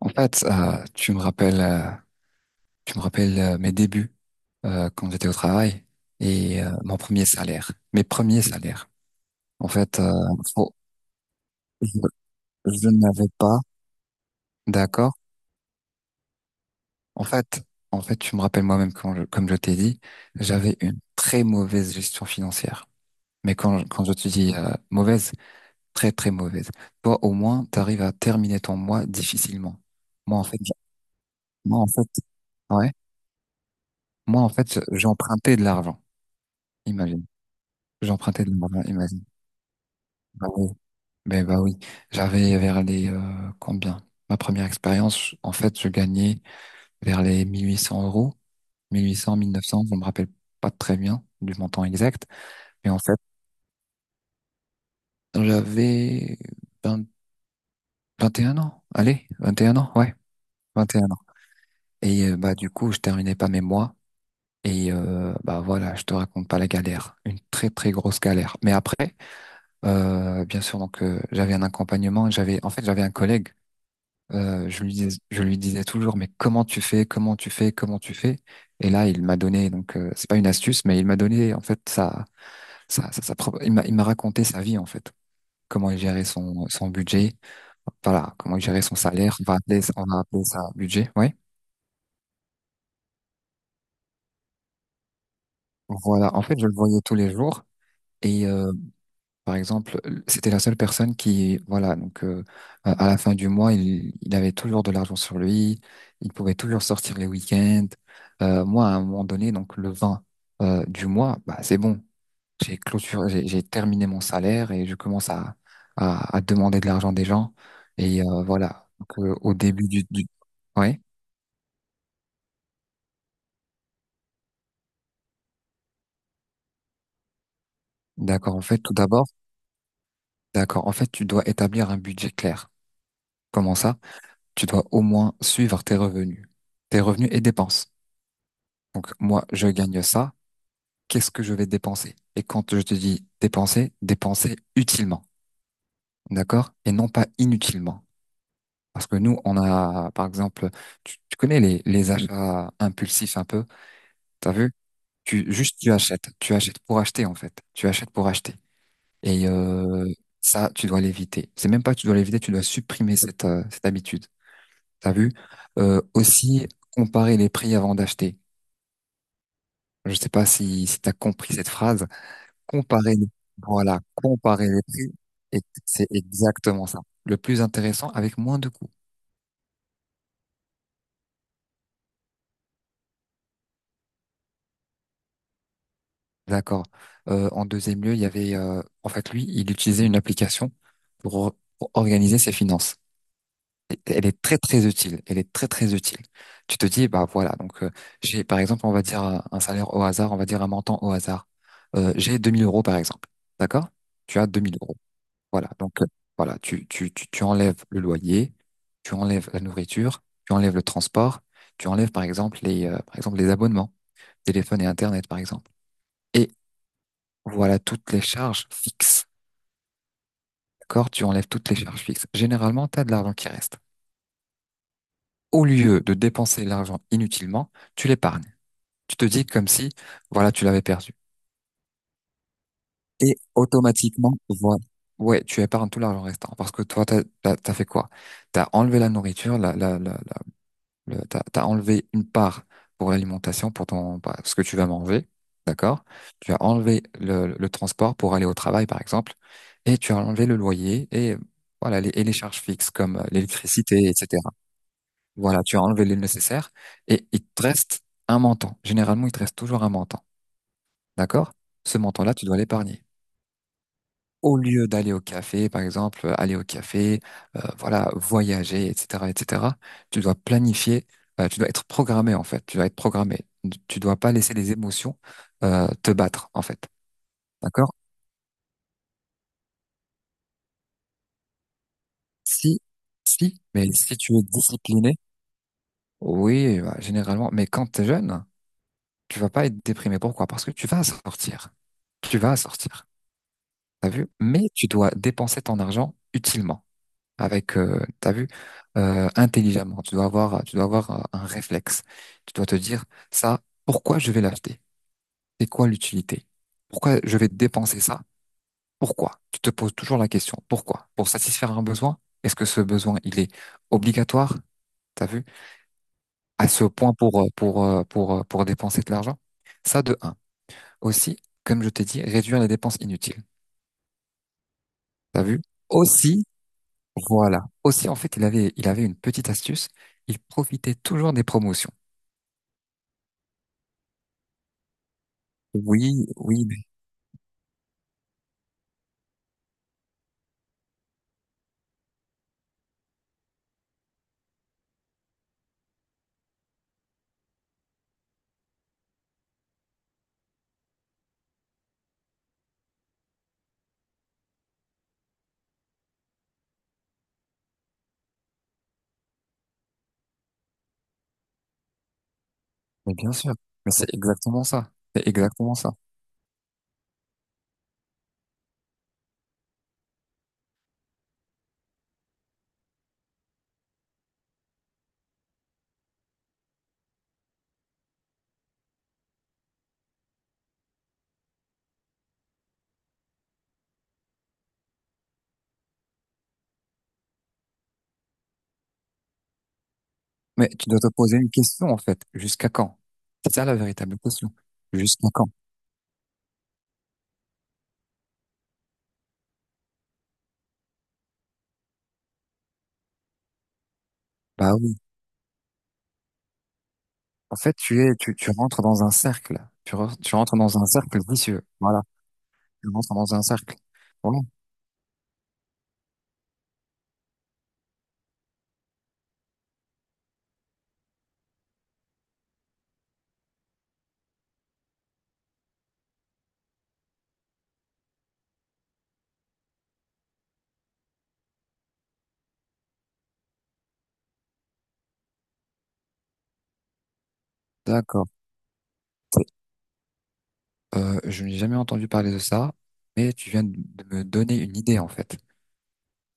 En fait, tu me rappelles mes débuts, quand j'étais au travail et mon premier salaire, mes premiers salaires. En fait, faut- je, je n'avais pas, d'accord. En fait, en fait, tu me rappelles moi-même comme je t'ai dit, j'avais une très mauvaise gestion financière. Mais quand je te dis mauvaise, très très mauvaise. Toi, au moins, t'arrives à terminer ton mois difficilement. Moi, en fait, j'- moi, en fait, ouais, j'empruntais de l'argent. J'empruntais de l'argent, imagine. Bah oui. Ben bah oui. J'avais vers les, combien? Ma première expérience, en fait, je gagnais vers les 1800 euros, 1800, 1900, je me rappelle pas très bien du montant exact. Mais en fait, j'avais 20 21 ans. Allez, 21 ans, ouais, 21 ans. Et bah du coup, je terminais pas mes mois. Et bah voilà, je te raconte pas la galère, une très très grosse galère. Mais après, bien sûr, donc, j'avais un accompagnement. J'avais un collègue. Je lui disais toujours, mais comment tu fais, comment tu fais, comment tu fais? Et là, il m'a donné, donc, c'est pas une astuce, mais il m'a donné en fait sa propre, il m'a raconté sa vie en fait, comment il gérait son budget, voilà, comment il gérait son salaire, on va appeler ça budget, ouais. Voilà, en fait, je le voyais tous les jours et par exemple, c'était la seule personne qui, voilà, donc, à la fin du mois, il avait toujours de l'argent sur lui, il pouvait toujours sortir les week-ends. Moi, à un moment donné, donc le 20 , du mois, bah, c'est bon, j'ai clôturé, j'ai terminé mon salaire et je commence à demander de l'argent des gens. Et voilà, donc, au début du. Ouais, d'accord, en fait, tout d'abord, d'accord, en fait, tu dois établir un budget clair. Comment ça? Tu dois au moins suivre tes revenus et dépenses. Donc moi, je gagne ça. Qu'est-ce que je vais dépenser? Et quand je te dis dépenser, dépenser utilement, d'accord? Et non pas inutilement. Parce que nous, on a, par exemple, tu connais les achats impulsifs un peu, t'as vu? Juste tu achètes pour acheter en fait, tu achètes pour acheter. Et ça, tu dois l'éviter. C'est même pas que tu dois l'éviter, tu dois supprimer cette habitude, t'as vu? Aussi, comparer les prix avant d'acheter. Je sais pas si t'as compris cette phrase. Comparer les, voilà, comparer les prix, et c'est exactement ça. Le plus intéressant avec moins de coûts. D'accord. En deuxième lieu, il y avait, en fait, lui, il utilisait une application pour organiser ses finances. Elle est très très utile. Elle est très très utile. Tu te dis, bah voilà, donc, j'ai, par exemple, on va dire un salaire au hasard, on va dire un montant au hasard. J'ai 2000 euros par exemple. D'accord? Tu as 2000 euros. Voilà, donc, voilà, tu enlèves le loyer, tu enlèves la nourriture, tu enlèves le transport, tu enlèves par exemple les abonnements, téléphone et Internet par exemple. Et voilà toutes les charges fixes. D'accord? Tu enlèves toutes les charges fixes. Généralement, tu as de l'argent qui reste. Au lieu de dépenser l'argent inutilement, tu l'épargnes. Tu te dis comme si, voilà, tu l'avais perdu. Et automatiquement, voilà. Ouais, tu épargnes tout l'argent restant. Parce que toi, t'as fait quoi? T'as enlevé la nourriture, t'as enlevé une part pour l'alimentation, pour ton, bah, ce que tu vas manger, d'accord? Tu as enlevé le transport pour aller au travail, par exemple, et tu as enlevé le loyer et voilà les charges fixes comme, l'électricité, etc. Voilà, tu as enlevé le nécessaire et il te reste un montant. Généralement, il te reste toujours un montant, d'accord? Ce montant-là, tu dois l'épargner au lieu d'aller au café, par exemple, aller au café, voilà, voyager, etc., tu dois planifier, tu dois être programmé, en fait, tu dois être programmé. Tu dois pas laisser les émotions, te battre, en fait. D'accord? Si, si, mais si tu es discipliné, oui, bah, généralement, mais quand tu es jeune, tu vas pas être déprimé. Pourquoi? Parce que tu vas sortir. Tu vas sortir. T'as vu? Mais tu dois dépenser ton argent utilement, avec, t'as vu, intelligemment. Tu dois avoir un réflexe. Tu dois te dire, ça, pourquoi je vais l'acheter? C'est quoi l'utilité? Pourquoi je vais dépenser ça? Pourquoi? Tu te poses toujours la question, pourquoi? Pour satisfaire un besoin? Est-ce que ce besoin, il est obligatoire? T'as vu? À ce point pour dépenser de l'argent? Ça, de un. Aussi, comme je t'ai dit, réduire les dépenses inutiles. T'as vu? Aussi, voilà. Aussi, en fait, il avait une petite astuce. Il profitait toujours des promotions. Oui, oui, mais bien sûr. Mais c'est exactement ça. C'est exactement ça. Mais tu dois te poser une question, en fait. Jusqu'à quand? C'est ça la véritable question. Jusqu'à quand? Bah oui. En fait, tu rentres dans un cercle. Tu rentres dans un cercle vicieux. Voilà. Tu rentres dans un cercle. Bon, d'accord. Je n'ai jamais entendu parler de ça, mais tu viens de me donner une idée, en fait.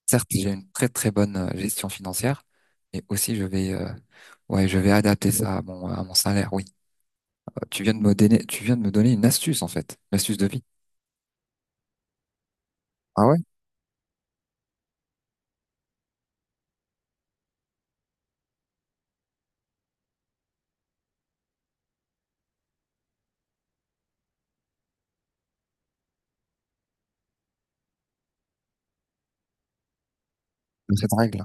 Certes, j'ai une très très bonne, gestion financière, mais aussi je vais, ouais, je vais adapter ça à mon salaire. Oui. Tu viens de me donner, tu viens de me donner une astuce, en fait. Une astuce de vie. Ah ouais? De cette règle.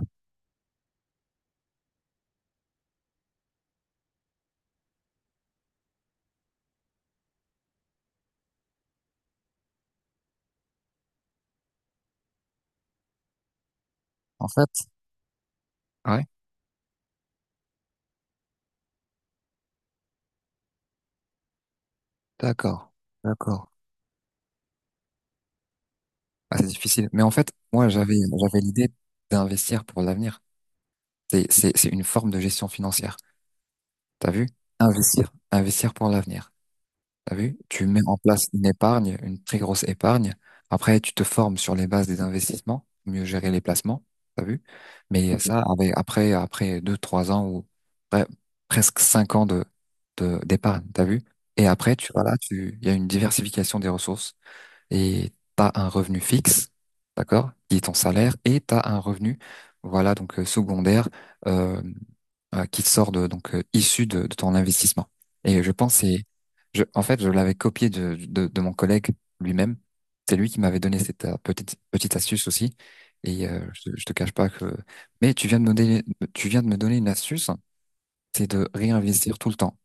En fait, ah ouais. D'accord, d'accord. Ah, c'est difficile. Mais en fait, moi, j'avais l'idée d'investir pour l'avenir. C'est une forme de gestion financière. T'as vu? Investir pour l'avenir. T'as vu? Tu mets en place une épargne, une très grosse épargne. Après, tu te formes sur les bases des investissements, mieux gérer les placements. T'as vu? Mais OK, ça, avec, après, 2, 3 ans ou pre- presque 5 ans d'épargne, t'as vu? Et après, il y a une diversification des ressources et t'as un revenu fixe, d'accord, qui est ton salaire, et t'as un revenu, voilà, donc, secondaire, euh, qui te sort de, donc issu de ton investissement. Et je pense, et je, en fait, je l'avais copié de mon collègue lui-même. C'est lui qui m'avait donné cette, petite petite astuce aussi. Je te cache pas que. Mais tu viens de me donner, tu viens de me donner une astuce, c'est de réinvestir tout le temps.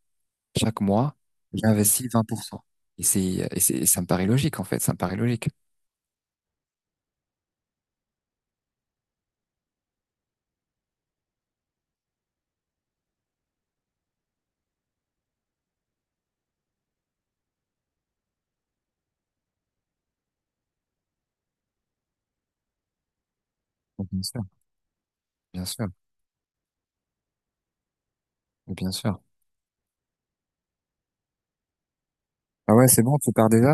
Chaque mois, j'investis 20%. Et c'est, et ça me paraît logique en fait. Ça me paraît logique. Oh, bien sûr, bien sûr, bien sûr. Ah ouais, c'est bon, tu pars déjà?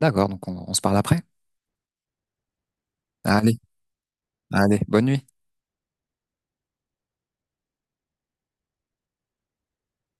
D'accord, donc on se parle après. Allez, allez, bonne nuit.